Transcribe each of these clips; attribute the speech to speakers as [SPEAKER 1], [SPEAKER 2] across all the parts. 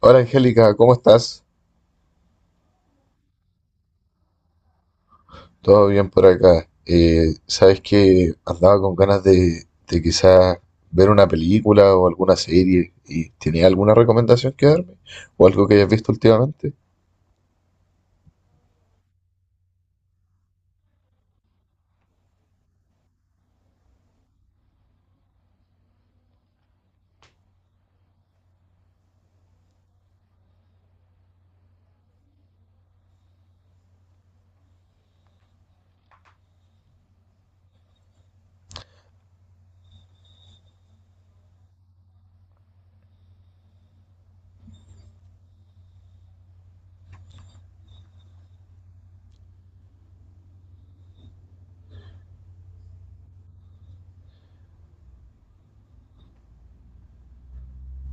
[SPEAKER 1] Hola Angélica, ¿cómo estás? ¿Todo bien por acá? Sabes que andaba con ganas de, quizás ver una película o alguna serie y tenía alguna recomendación que darme? ¿O algo que hayas visto últimamente?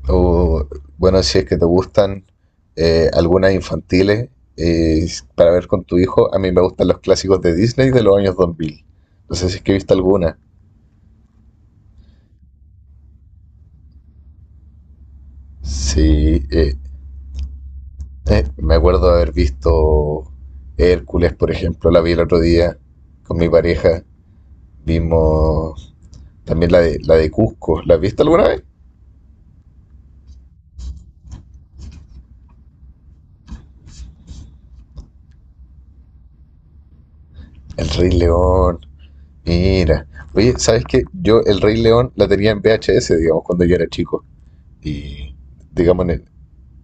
[SPEAKER 1] O bueno, si es que te gustan algunas infantiles, eh, para ver con tu hijo, a mí me gustan los clásicos de Disney de los años 2000. No sé si es que viste alguna. Sí, eh, Me acuerdo de haber visto Hércules, por ejemplo, la vi el otro día con mi pareja. Vimos también la de Cusco. ¿La has visto alguna vez? El Rey León. Mira. Oye, ¿sabes qué? Yo el Rey León la tenía en VHS, digamos, cuando yo era chico. Y, digamos, en el-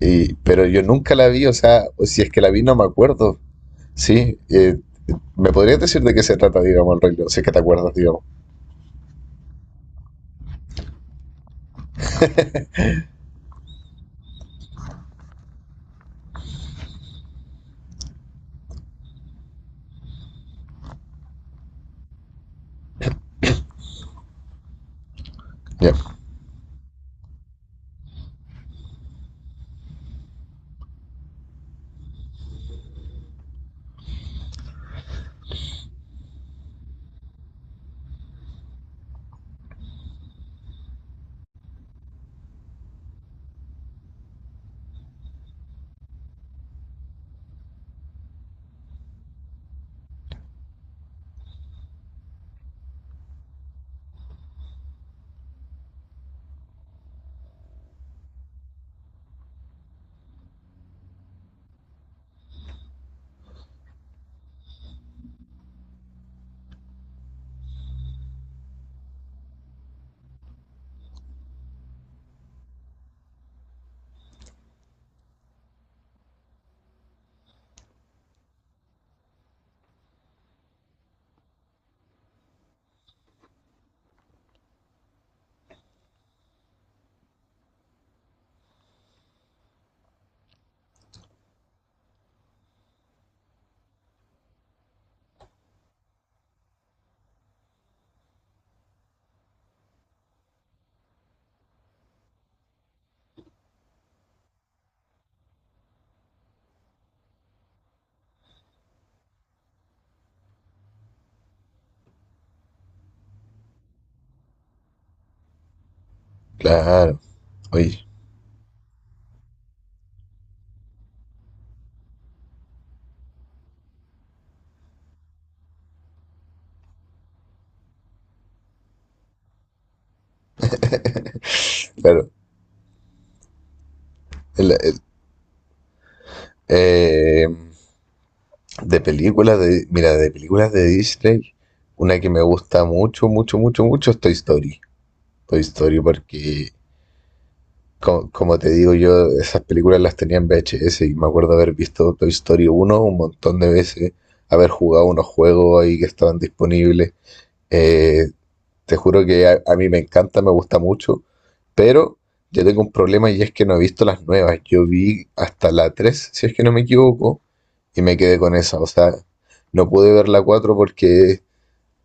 [SPEAKER 1] pero yo nunca la vi, o sea, si es que la vi no me acuerdo. Sí, eh, ¿Me podrías decir de qué se trata, digamos, el Rey León? Si es que te acuerdas, digamos. Ya, claro. Oye, claro. El, Eh, de películas de, mira, de películas de Disney, una que me gusta mucho, mucho, mucho, mucho es Toy Story. Toy Story porque, Como, te digo yo, esas películas las tenía en VHS y me acuerdo haber visto Toy Story uno un montón de veces, haber jugado unos juegos ahí que estaban disponibles. Eh, Te juro que a mí me encanta, me gusta mucho, pero yo tengo un problema y es que no he visto las nuevas. Yo vi hasta la 3, si es que no me equivoco, y me quedé con esa. O sea, no pude ver la 4 porque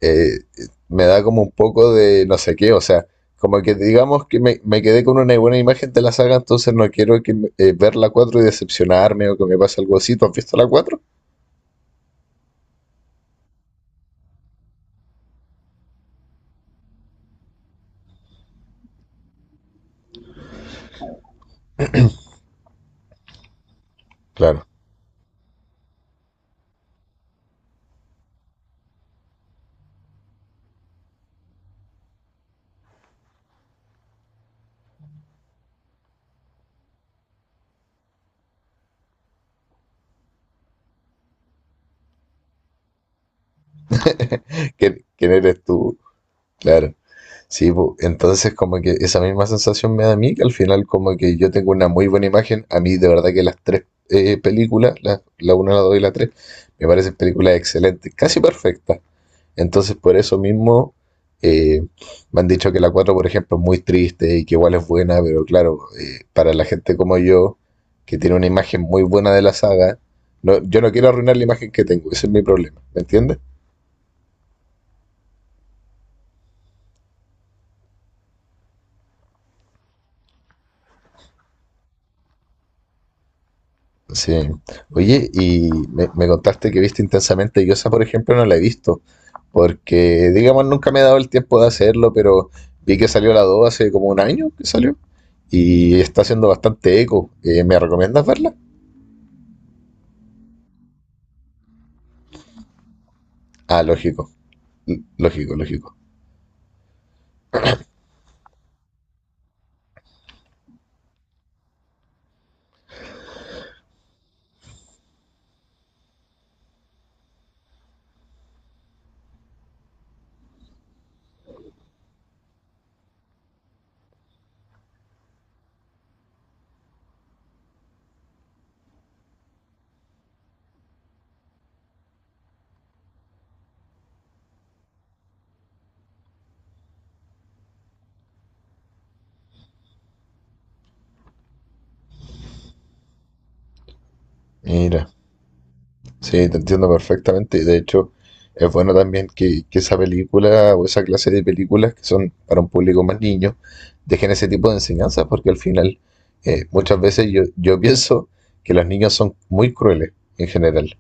[SPEAKER 1] eh, me da como un poco de no sé qué. O sea, como que digamos que me quedé con una buena imagen de la saga, entonces no quiero ver la 4 y decepcionarme o que me pase algo así. ¿Tú has visto la cuatro? Claro. ¿Quién, quién eres tú? Claro. Sí, po. Entonces como que esa misma sensación me da a mí, que al final como que yo tengo una muy buena imagen, a mí de verdad que las tres películas, la una, la 2 y la 3 me parecen películas excelentes, casi perfectas. Entonces por eso mismo, eh, me han dicho que la cuatro, por ejemplo, es muy triste y que igual es buena, pero claro, para la gente como yo, que tiene una imagen muy buena de la saga, no, yo no quiero arruinar la imagen que tengo, ese es mi problema, ¿me entiendes? Sí. Oye, y me contaste que viste intensamente. Y yo esa, por ejemplo, no la he visto. Porque, digamos, nunca me he dado el tiempo de hacerlo, pero vi que salió la 2 hace como un año que salió. Y está haciendo bastante eco. ¿Me recomiendas verla? Ah, lógico. Lógico, lógico. Mira. Sí, te entiendo perfectamente. Y de hecho, es bueno también que esa película o esa clase de películas que son para un público más niño dejen ese tipo de enseñanzas, porque al final, muchas veces yo pienso que los niños son muy crueles en general,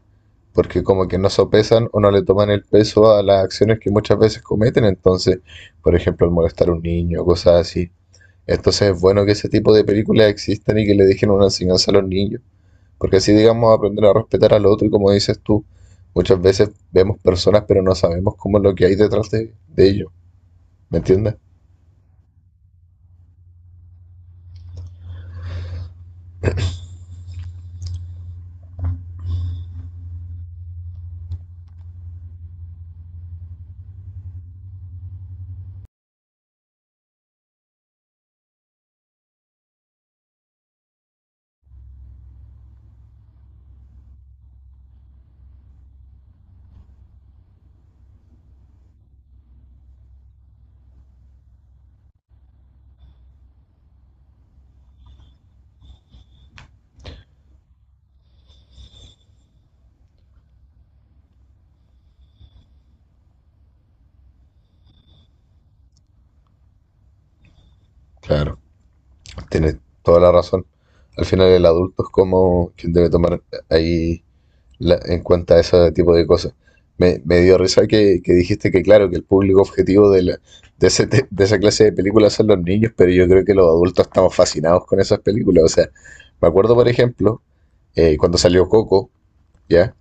[SPEAKER 1] porque como que no sopesan o no le toman el peso a las acciones que muchas veces cometen, entonces, por ejemplo, al molestar a un niño, cosas así. Entonces es bueno que ese tipo de películas existan y que le dejen una enseñanza a los niños. Porque así, digamos, aprender a respetar al otro y como dices tú, muchas veces vemos personas pero no sabemos cómo es lo que hay detrás de ellos, ¿me entiendes? Claro, tienes toda la razón. Al final el adulto es como quien debe tomar ahí en cuenta ese tipo de cosas. Me dio risa que dijiste que claro, que el público objetivo de, la- de, ese te- de esa clase de películas son los niños, pero yo creo que los adultos estamos fascinados con esas películas. O sea, me acuerdo, por ejemplo, cuando salió Coco, ¿ya?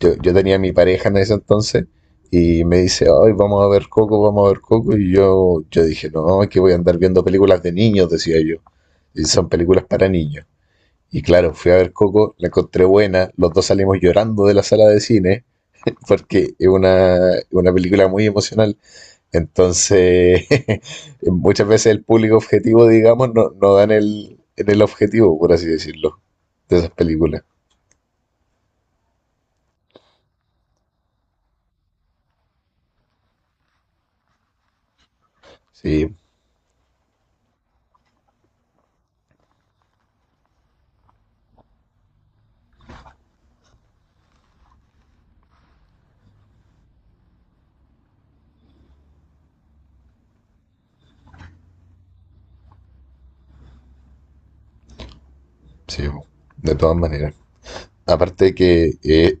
[SPEAKER 1] yo tenía a mi pareja en ese entonces y me dice, ay, vamos a ver Coco, vamos a ver Coco. Y yo dije, no, es que voy a andar viendo películas de niños, decía yo. Y son películas para niños. Y claro, fui a ver Coco, la encontré buena, los dos salimos llorando de la sala de cine porque es una película muy emocional. Entonces, muchas veces el público objetivo, digamos, no, no da en el objetivo, por así decirlo, de esas películas. Sí, sí, de todas maneras. Aparte que,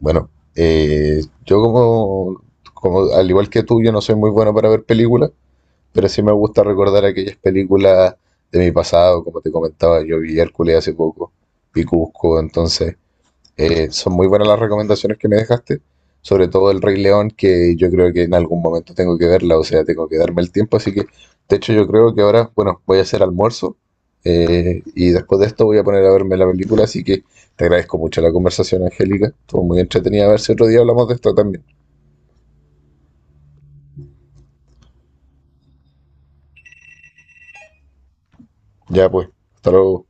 [SPEAKER 1] bueno, yo como, como, al igual que tú, yo no soy muy bueno para ver películas, pero sí me gusta recordar aquellas películas de mi pasado, como te comentaba, yo vi Hércules hace poco, vi Cusco, entonces, son muy buenas las recomendaciones que me dejaste, sobre todo el Rey León, que yo creo que en algún momento tengo que verla, o sea, tengo que darme el tiempo, así que de hecho yo creo que ahora, bueno, voy a hacer almuerzo, y después de esto voy a poner a verme la película, así que te agradezco mucho la conversación, Angélica, estuvo muy entretenida, a ver si otro día hablamos de esto también. Ya pues, hasta luego.